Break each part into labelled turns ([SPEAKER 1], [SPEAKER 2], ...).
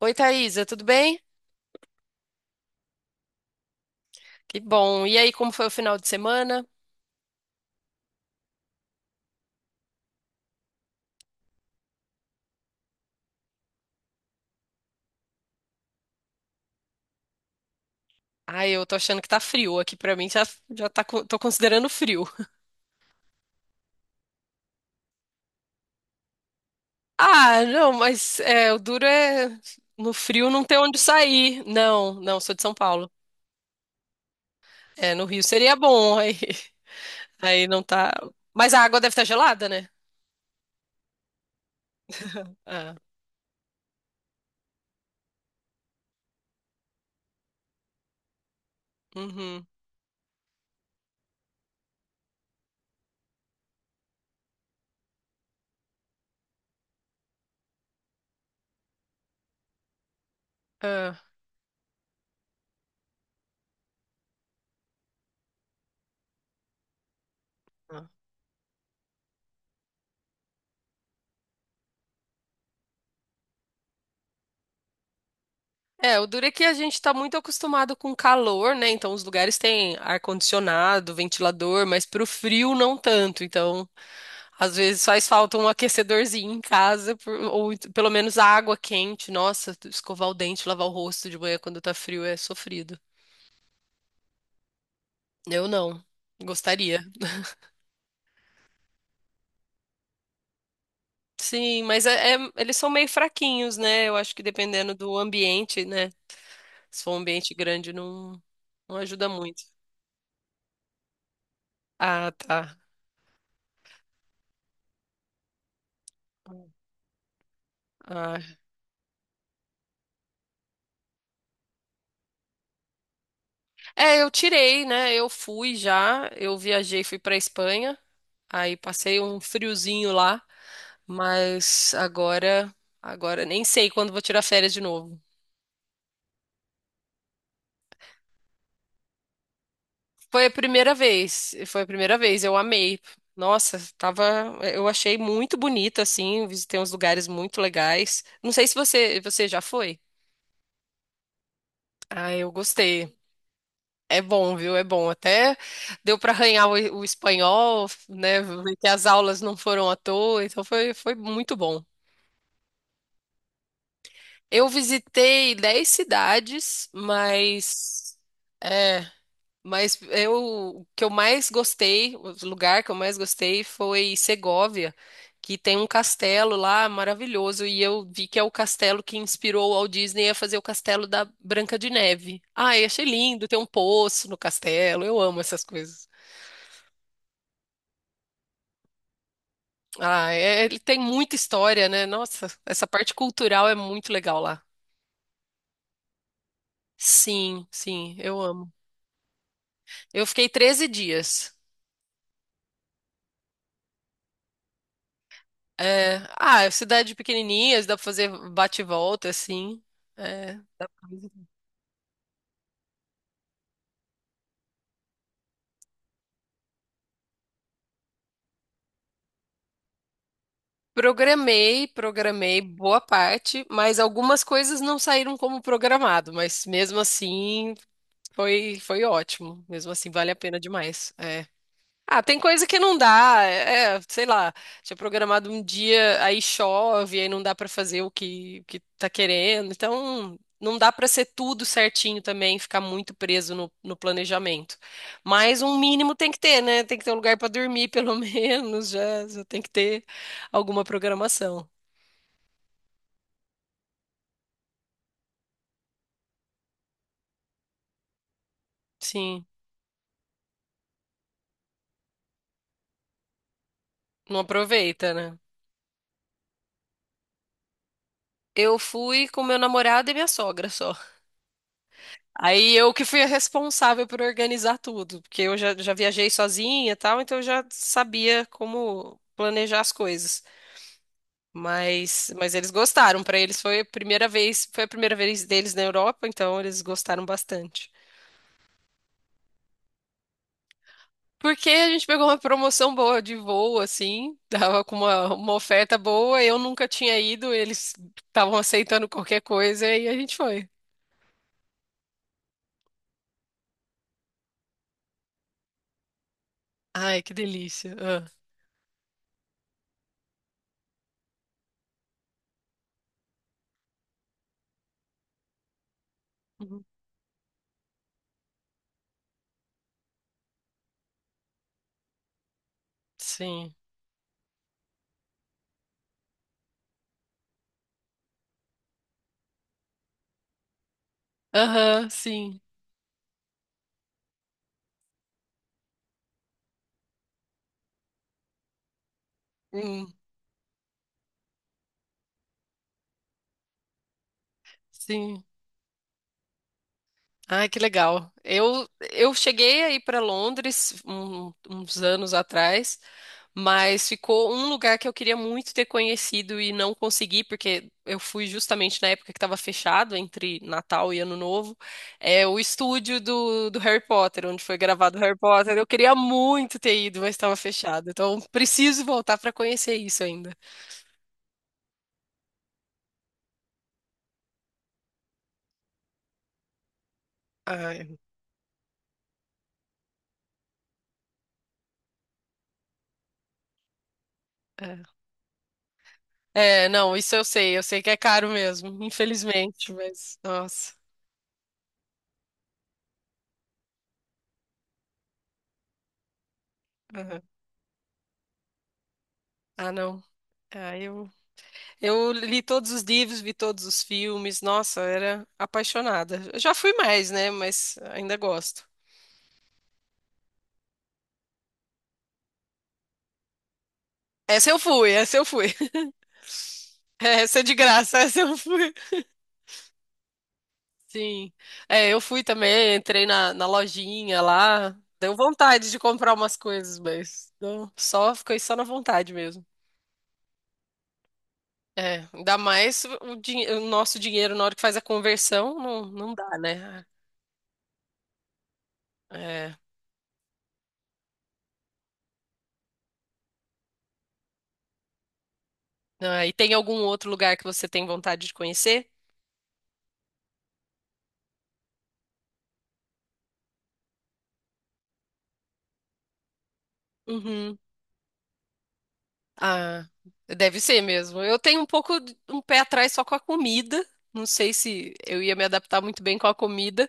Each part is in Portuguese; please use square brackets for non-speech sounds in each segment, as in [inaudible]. [SPEAKER 1] Oi, Thaisa, tudo bem? Que bom. E aí, como foi o final de semana? Ai, eu tô achando que tá frio aqui pra mim, já tá, tô considerando frio. [laughs] Ah, não, mas é, o duro é no frio não ter onde sair. Não, não, sou de São Paulo. É, no Rio seria bom, aí, [laughs] aí não tá. Mas a água deve estar gelada, né? Ah, uhum. Ah. É, o duro é que a gente está muito acostumado com calor, né? Então os lugares têm ar-condicionado, ventilador, mas pro frio não tanto. Então, às vezes faz falta um aquecedorzinho em casa, pelo menos água quente. Nossa, escovar o dente, lavar o rosto de manhã quando tá frio é sofrido. Eu não. Gostaria. Sim, mas eles são meio fraquinhos, né? Eu acho que dependendo do ambiente, né? Se for um ambiente grande, não, não ajuda muito. Ah, tá. Ah, é, eu tirei, né? Eu fui já, eu viajei, fui pra Espanha, aí passei um friozinho lá, mas agora, agora nem sei quando vou tirar férias de novo. Foi a primeira vez, foi a primeira vez, eu amei. Nossa, tava, eu achei muito bonito assim, visitei uns lugares muito legais. Não sei se você já foi. Ah, eu gostei. É bom, viu? É bom. Até deu para arranhar o espanhol, né? Ver que as aulas não foram à toa, então foi, foi muito bom. Eu visitei 10 cidades, mas é, mas eu, o que eu mais gostei, o lugar que eu mais gostei foi Segóvia, que tem um castelo lá maravilhoso e eu vi que é o castelo que inspirou o Walt Disney a fazer o castelo da Branca de Neve. Ai, achei lindo, tem um poço no castelo. Eu amo essas coisas. Ah, é- ele tem muita história, né? Nossa, essa parte cultural é muito legal lá. Sim, sim, eu amo. Eu fiquei 13 dias. É, ah, é cidade pequenininha, dá pra fazer bate e volta, assim. É. Programei, programei boa parte, mas algumas coisas não saíram como programado, mas mesmo assim foi, foi ótimo. Mesmo assim, vale a pena demais. É. Ah, tem coisa que não dá. É, é, sei lá, tinha programado um dia, aí chove, aí não dá pra fazer o que tá querendo. Então, não dá pra ser tudo certinho também, ficar muito preso no planejamento. Mas um mínimo tem que ter, né? Tem que ter um lugar pra dormir, pelo [laughs] menos, já tem que ter alguma programação. Sim, não aproveita, né? Eu fui com meu namorado e minha sogra só. Aí eu que fui a responsável por organizar tudo, porque eu já viajei sozinha e tal, então eu já sabia como planejar as coisas. Mas eles gostaram, para eles foi a primeira vez, foi a primeira vez deles na Europa, então eles gostaram bastante. Porque a gente pegou uma promoção boa de voo, assim, [laughs] tava com uma oferta boa, eu nunca tinha ido, eles estavam aceitando qualquer coisa e a gente foi. Ai, que delícia. Ah, uhum. Sim. Aham, sim. Hum, sim. Ai, que legal. Eu cheguei aí para Londres uns anos atrás, mas ficou um lugar que eu queria muito ter conhecido e não consegui, porque eu fui justamente na época que estava fechado, entre Natal e Ano Novo, é o estúdio do Harry Potter, onde foi gravado Harry Potter. Eu queria muito ter ido, mas estava fechado. Então, preciso voltar para conhecer isso ainda. Ai, é. É, não, isso eu sei que é caro mesmo, infelizmente, mas, nossa. Ah, não. Ah, eu li todos os livros, vi todos os filmes. Nossa, eu era apaixonada. Eu já fui mais, né? Mas ainda gosto. Essa eu fui, essa eu fui. [laughs] Essa é de graça, [laughs] essa eu fui. Sim. É, eu fui também, entrei na, na lojinha lá. Deu vontade de comprar umas coisas, mas não, só fiquei só na vontade mesmo. É, ainda mais o, o nosso dinheiro na hora que faz a conversão, não, não dá, né? É. Ah, e tem algum outro lugar que você tem vontade de conhecer? Uhum. Ah, deve ser mesmo. Eu tenho um pouco um pé atrás só com a comida. Não sei se eu ia me adaptar muito bem com a comida,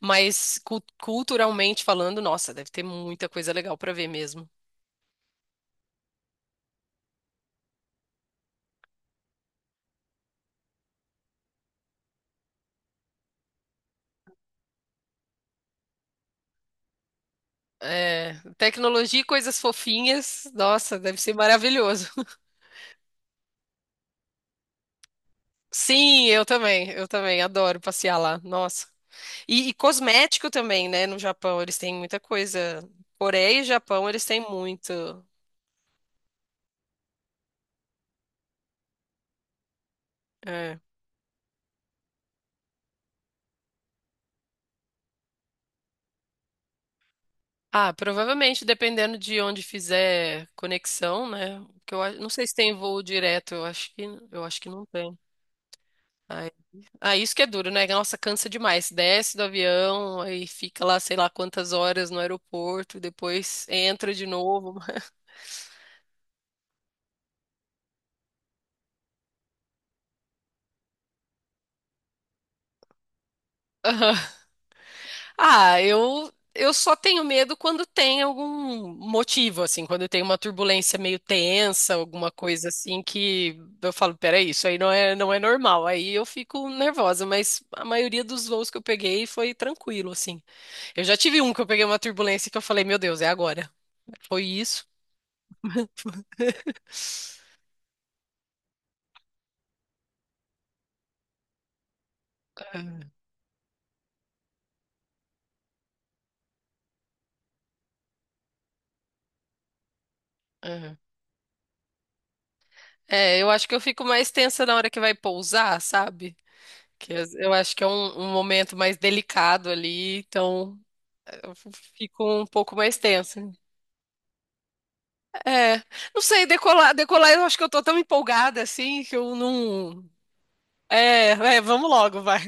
[SPEAKER 1] mas culturalmente falando, nossa, deve ter muita coisa legal para ver mesmo. É, tecnologia e coisas fofinhas, nossa, deve ser maravilhoso. [laughs] Sim, eu também adoro passear lá. Nossa. E cosmético também, né? No Japão eles têm muita coisa. Coreia e Japão eles têm muito. É. Ah, provavelmente dependendo de onde fizer conexão, né? Porque eu não sei se tem voo direto, eu acho que não tem. Ai. Ah, isso que é duro, né? Nossa, cansa demais. Desce do avião, aí fica lá sei lá quantas horas no aeroporto, depois entra de novo. Ah, eu só tenho medo quando tem algum motivo, assim, quando tem uma turbulência meio tensa, alguma coisa assim que eu falo, peraí, isso aí não é, não é normal. Aí eu fico nervosa, mas a maioria dos voos que eu peguei foi tranquilo, assim. Eu já tive um que eu peguei uma turbulência que eu falei, meu Deus, é agora. Foi isso. Aham. É, eu acho que eu fico mais tensa na hora que vai pousar, sabe? Eu acho que é um momento mais delicado ali, então fico um pouco mais tensa. É, não sei, decolar, eu acho que eu tô tão empolgada assim que eu não. É, é, vamos logo, vai.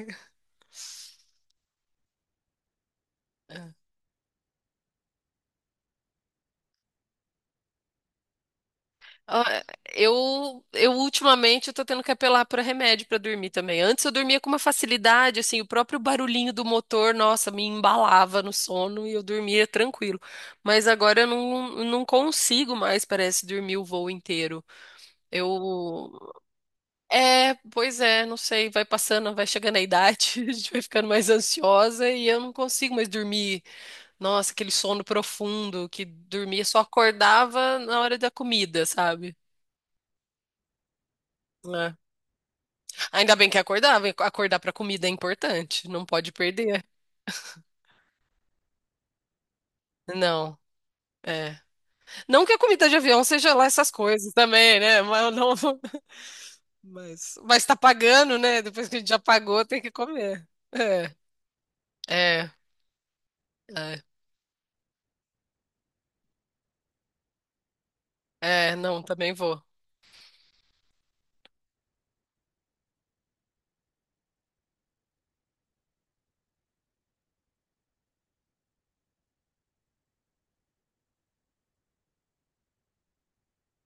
[SPEAKER 1] Ah, eu ultimamente eu tô tendo que apelar para remédio para dormir também. Antes eu dormia com uma facilidade, assim, o próprio barulhinho do motor, nossa, me embalava no sono e eu dormia tranquilo. Mas agora eu não, não consigo mais, parece, dormir o voo inteiro. Eu É, pois é, não sei, vai passando, vai chegando a idade, [laughs] a gente vai ficando mais ansiosa e eu não consigo mais dormir. Nossa, aquele sono profundo que dormia, só acordava na hora da comida, sabe? É. Ainda bem que acordava, e acordar pra comida é importante, não pode perder. Não, é. Não que a comida de avião seja lá essas coisas também, né? Mas não, [laughs] mas tá pagando, né? Depois que a gente já pagou, tem que comer. É, é, é, é, não, também vou.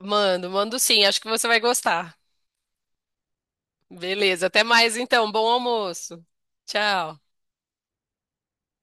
[SPEAKER 1] Mando, mando sim, acho que você vai gostar. Beleza, até mais então. Bom almoço. Tchau.